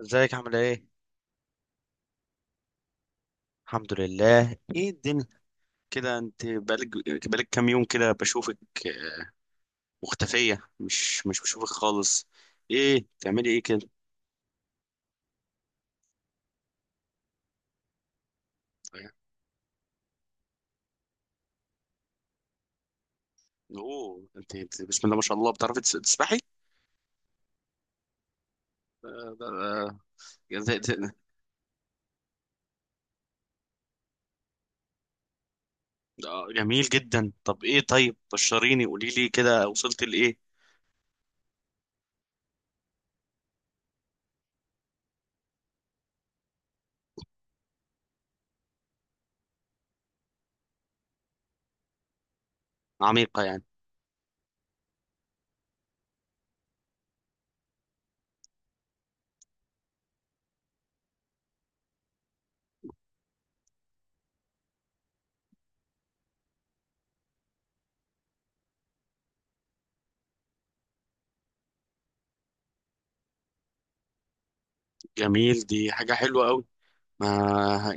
ازيك عامل ايه؟ الحمد لله، ايه الدنيا؟ كده انت بقالك كام يوم كده بشوفك. آه، مختفية، مش بشوفك خالص. ايه بتعملي ايه كده؟ اوه، انت بسم الله ما شاء الله بتعرفي تسبحي؟ آه، ده- ده- ده- ده جميل جدا. طب ايه، طيب بشريني، قولي لي كده وصلت لايه؟ عميقة يعني. جميل، دي حاجة حلوة قوي. ما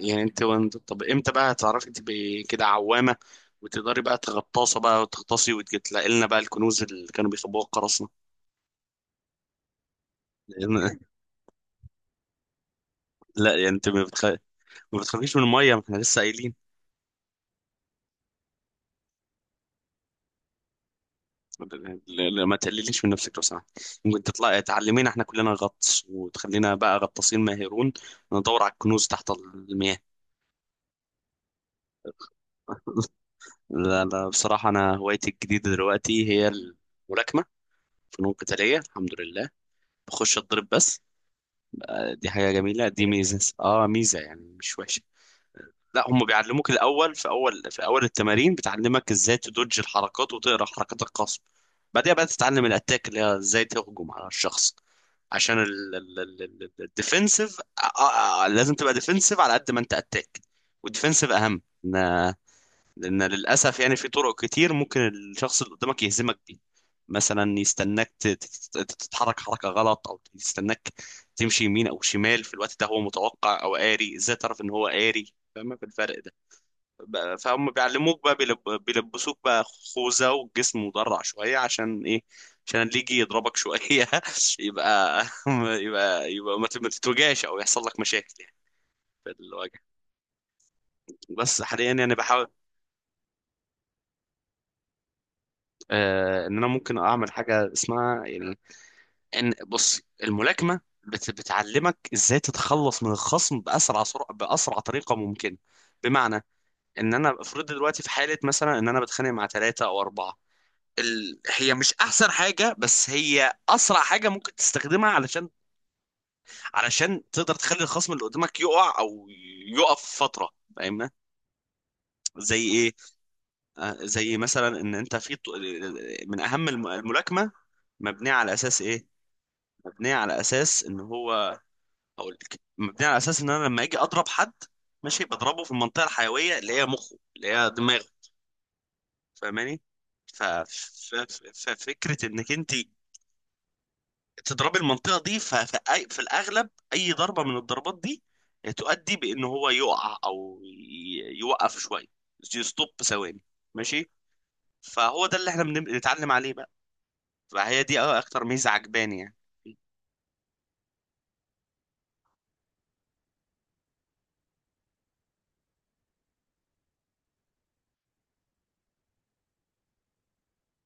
يعني انت، وانت طب امتى بقى هتعرفي تبقي كده عوامة وتقدري بقى تغطاسة بقى وتغطاسي وتلاقي لنا بقى الكنوز اللي كانوا بيخبوها القراصنة. لأن- لا يعني انت ما بتخ... ما بتخافيش من المية، ما احنا لسه قايلين. ما تقلليش من نفسك لو سمحت. ممكن تطلعي تعلمينا احنا كلنا غطس وتخلينا بقى غطاسين ماهرون، ندور على الكنوز تحت المياه. لا لا، بصراحة انا هوايتي الجديدة دلوقتي هي الملاكمة، فنون قتالية، الحمد لله. بخش اتضرب بس. دي حاجة جميلة، دي ميزة، اه ميزة يعني، مش وحشة. لا، هم بيعلموك الأول، في أول التمارين بتعلمك ازاي تدوج الحركات وتقرا حركات الخصم. بعدها بقى تتعلم الأتاك، اللي هي ازاي تهجم على الشخص، عشان الديفنسيف. لازم تبقى ديفنسيف على قد ما انت أتاك، والديفنسيف أهم، لان للاسف يعني في طرق كتير ممكن الشخص اللي قدامك يهزمك بيه. مثلا يستناك تتحرك حركه غلط، او يستناك تمشي يمين او شمال، في الوقت ده هو متوقع او قاري. ازاي تعرف ان هو قاري؟ فاهم في الفرق ده؟ فهم بيعلموك بقى، بيلبسوك بقى خوذه، والجسم مدرع شويه. عشان ايه؟ عشان اللي يجي يضربك شويه يبقى، يبقى ما تتوجعش او يحصل لك مشاكل يعني في الوجه. بس حاليا يعني بحاول. آه، ان انا ممكن اعمل حاجه اسمها يعني، ان بص الملاكمه بتعلمك ازاي تتخلص من الخصم باسرع سرعه، باسرع طريقه ممكنه. بمعنى ان انا افرض دلوقتي في حاله مثلا ان انا بتخانق مع ثلاثه او اربعه. ال... هي مش احسن حاجه بس هي اسرع حاجه ممكن تستخدمها، علشان تقدر تخلي الخصم اللي قدامك يقع او يقف فتره. فاهمنا؟ زي ايه؟ آه، زي مثلا ان انت في من اهم الملاكمه مبنيه على اساس ايه؟ مبنيه على اساس ان هو، هقول لك، مبنيه على اساس ان انا لما اجي اضرب حد، ماشي، بضربه في المنطقه الحيويه اللي هي مخه، اللي هي دماغه. فاهماني؟ ففكره انك انت تضربي المنطقه دي في الاغلب اي ضربه من الضربات دي تؤدي بان هو يقع او يوقف شويه، يستوب ثواني، ماشي. فهو ده اللي احنا بنتعلم عليه بقى. فهي دي اكتر ميزه عجباني يعني.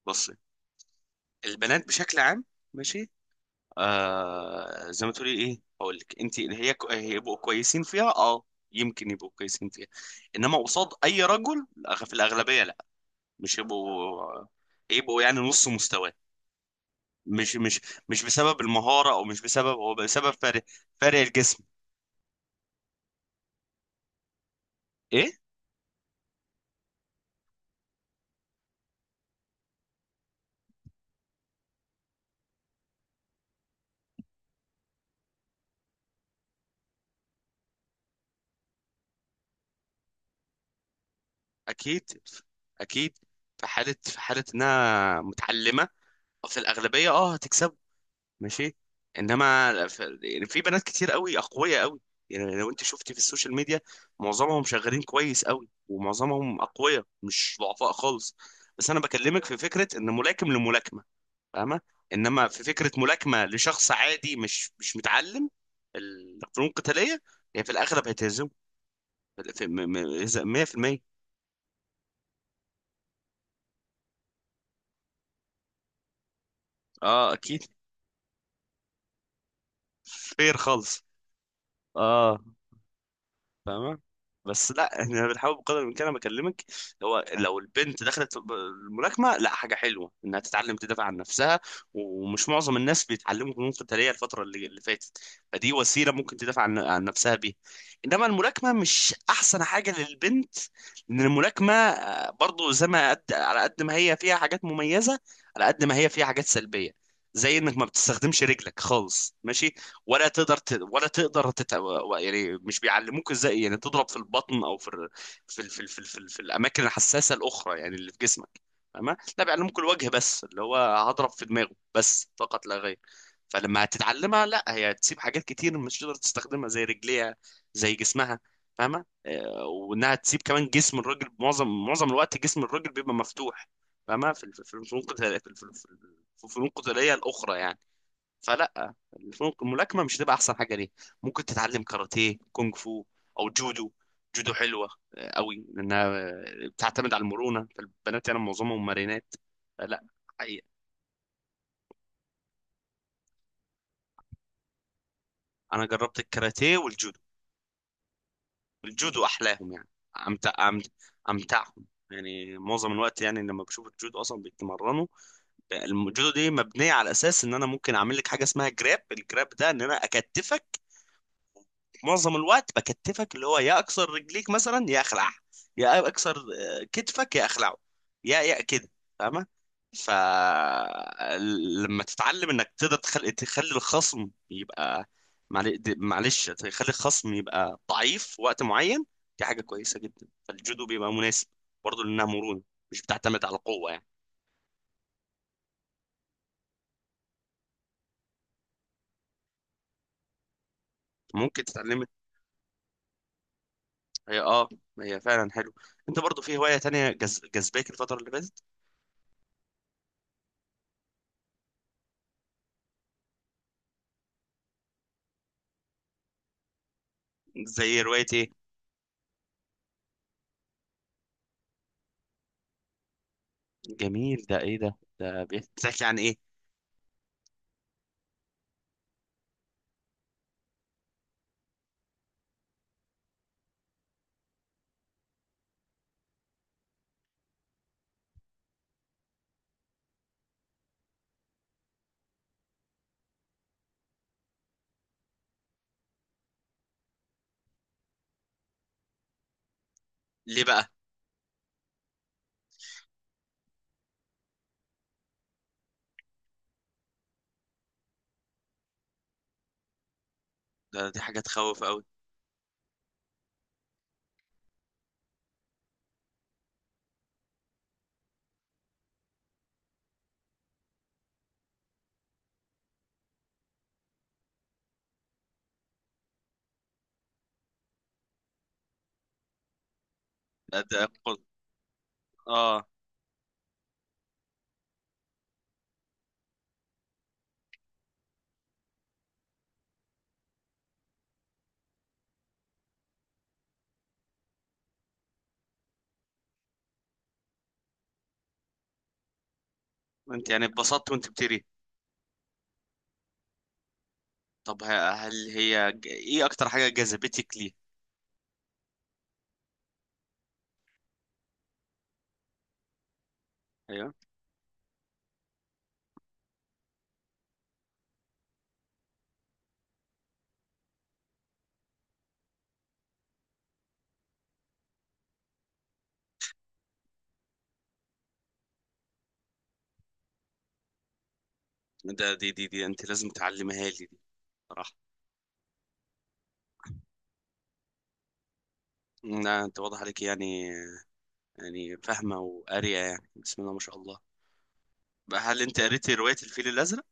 بص، البنات بشكل عام، ماشي، آه زي ما تقولي ايه، هقول لك انت، اللي هي هيبقوا كويسين فيها، اه يمكن يبقوا كويسين فيها، انما قصاد اي رجل في الاغلبيه لا. مش يبقوا، يبقوا يعني نص مستواه. مش مش بسبب المهاره، او مش بسبب هو، بسبب فرق، فرق الجسم. ايه؟ اكيد، اكيد. في حاله انها متعلمه، في الاغلبيه اه هتكسبه، ماشي. انما يعني في بنات كتير قوي، اقوياء قوي. يعني لو انت شفتي في السوشيال ميديا، معظمهم شغالين كويس قوي، ومعظمهم اقوياء مش ضعفاء خالص. بس انا بكلمك في فكره ان ملاكم لملاكمه، فاهمه؟ انما في فكره ملاكمه لشخص عادي، مش متعلم الفنون القتاليه، هي في الاغلب هتهزمه في- في- 100%. اه اكيد، فير خالص، اه. فاهمة؟ بس لا، احنا بنحاول بقدر الامكان. انا بكلمك هو لو البنت دخلت الملاكمه، لا حاجه حلوه انها تتعلم تدافع عن نفسها، ومش معظم الناس بيتعلموا فنون قتاليه الفتره اللي فاتت. فدي وسيله ممكن تدافع عن نفسها بيها. انما الملاكمه مش احسن حاجه للبنت، لان الملاكمه آه، برضو زي ما قد، على قد ما هي فيها حاجات مميزه، على قد ما هي فيها حاجات سلبيه. زي انك ما بتستخدمش رجلك خالص، ماشي، ولا تقدر ت... ولا تقدر تت... يعني مش بيعلموك ازاي يعني تضرب في البطن او في ال... في ال... في ال... في الاماكن الحساسه الاخرى يعني اللي في جسمك. فاهمة؟ لا، بيعلموك الوجه بس، اللي هو هضرب في دماغه بس فقط لا غير. فلما هتتعلمها، لا، هي هتسيب حاجات كتير مش تقدر تستخدمها، زي رجليها، زي جسمها. فاهمة؟ آه، وانها تسيب كمان جسم الراجل. معظم الوقت جسم الراجل بيبقى مفتوح. فاهمة؟ في الفنون القتالية، في الفنون القتالية الأخرى يعني. فلا، الفنون الملاكمه مش هتبقى احسن حاجه ليه. ممكن تتعلم كاراتيه، كونغ فو، او جودو. جودو حلوه آه، قوي، لانها آه، بتعتمد على المرونه، فالبنات يعني معظمهم مرينات. لا، حقيقة. انا جربت الكاراتيه والجودو. الجودو احلاهم يعني، امتع أمت... امتعهم. يعني معظم الوقت يعني لما بشوف الجودو اصلا بيتمرنوا، الجودو دي مبنيه على اساس ان انا ممكن اعمل لك حاجه اسمها جراب. الجراب ده ان انا اكتفك. معظم الوقت بكتفك، اللي هو يا اكسر رجليك مثلا، يا اخلع، يا اكسر آه، كتفك، يا اخلعه، يا يا كده. فاهمه؟ ف لما تتعلم انك تقدر تخلي الخصم يبقى معلش، تخلي الخصم يبقى ضعيف في وقت معين، دي حاجه كويسه جدا. فالجودو بيبقى مناسب برضه لانها مرونه، مش بتعتمد على القوه يعني. ممكن تتعلم. هي اه، هي فعلا حلو. انت برضه في هوايه تانية جز... جذباك الفتره اللي فاتت؟ زي روايه ايه؟ جميل، ده ايه ده، ده بيحكي عن ايه؟ ليه بقى؟ ده دي حاجة تخوف قوي. ده ده قل- اه. انت يعني اتبسطت وانت بتقري؟ طب هل هي ايه اكتر حاجة جذبتك ليه؟ ايوه. ده دي دي دي انت لازم تعلمها لي دي، صراحة. لا انت واضح عليك يعني، يعني فاهمة وقارية يعني، بسم الله ما شاء الله. بقى هل انت قريتي رواية الفيل الازرق؟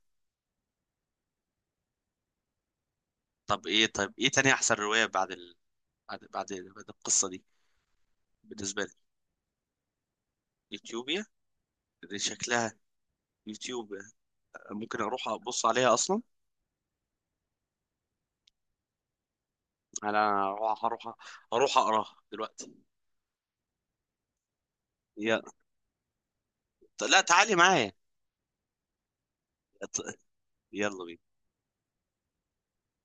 طب ايه، طيب ايه تاني احسن رواية بعد ال... بعد القصة دي بالنسبة لك؟ يوتيوبيا؟ دي شكلها يوتيوب. ممكن اروح ابص عليها اصلا. انا هروح، هروح اقراها دلوقتي. يلا. لا تعالي معايا. ت- يلا بينا.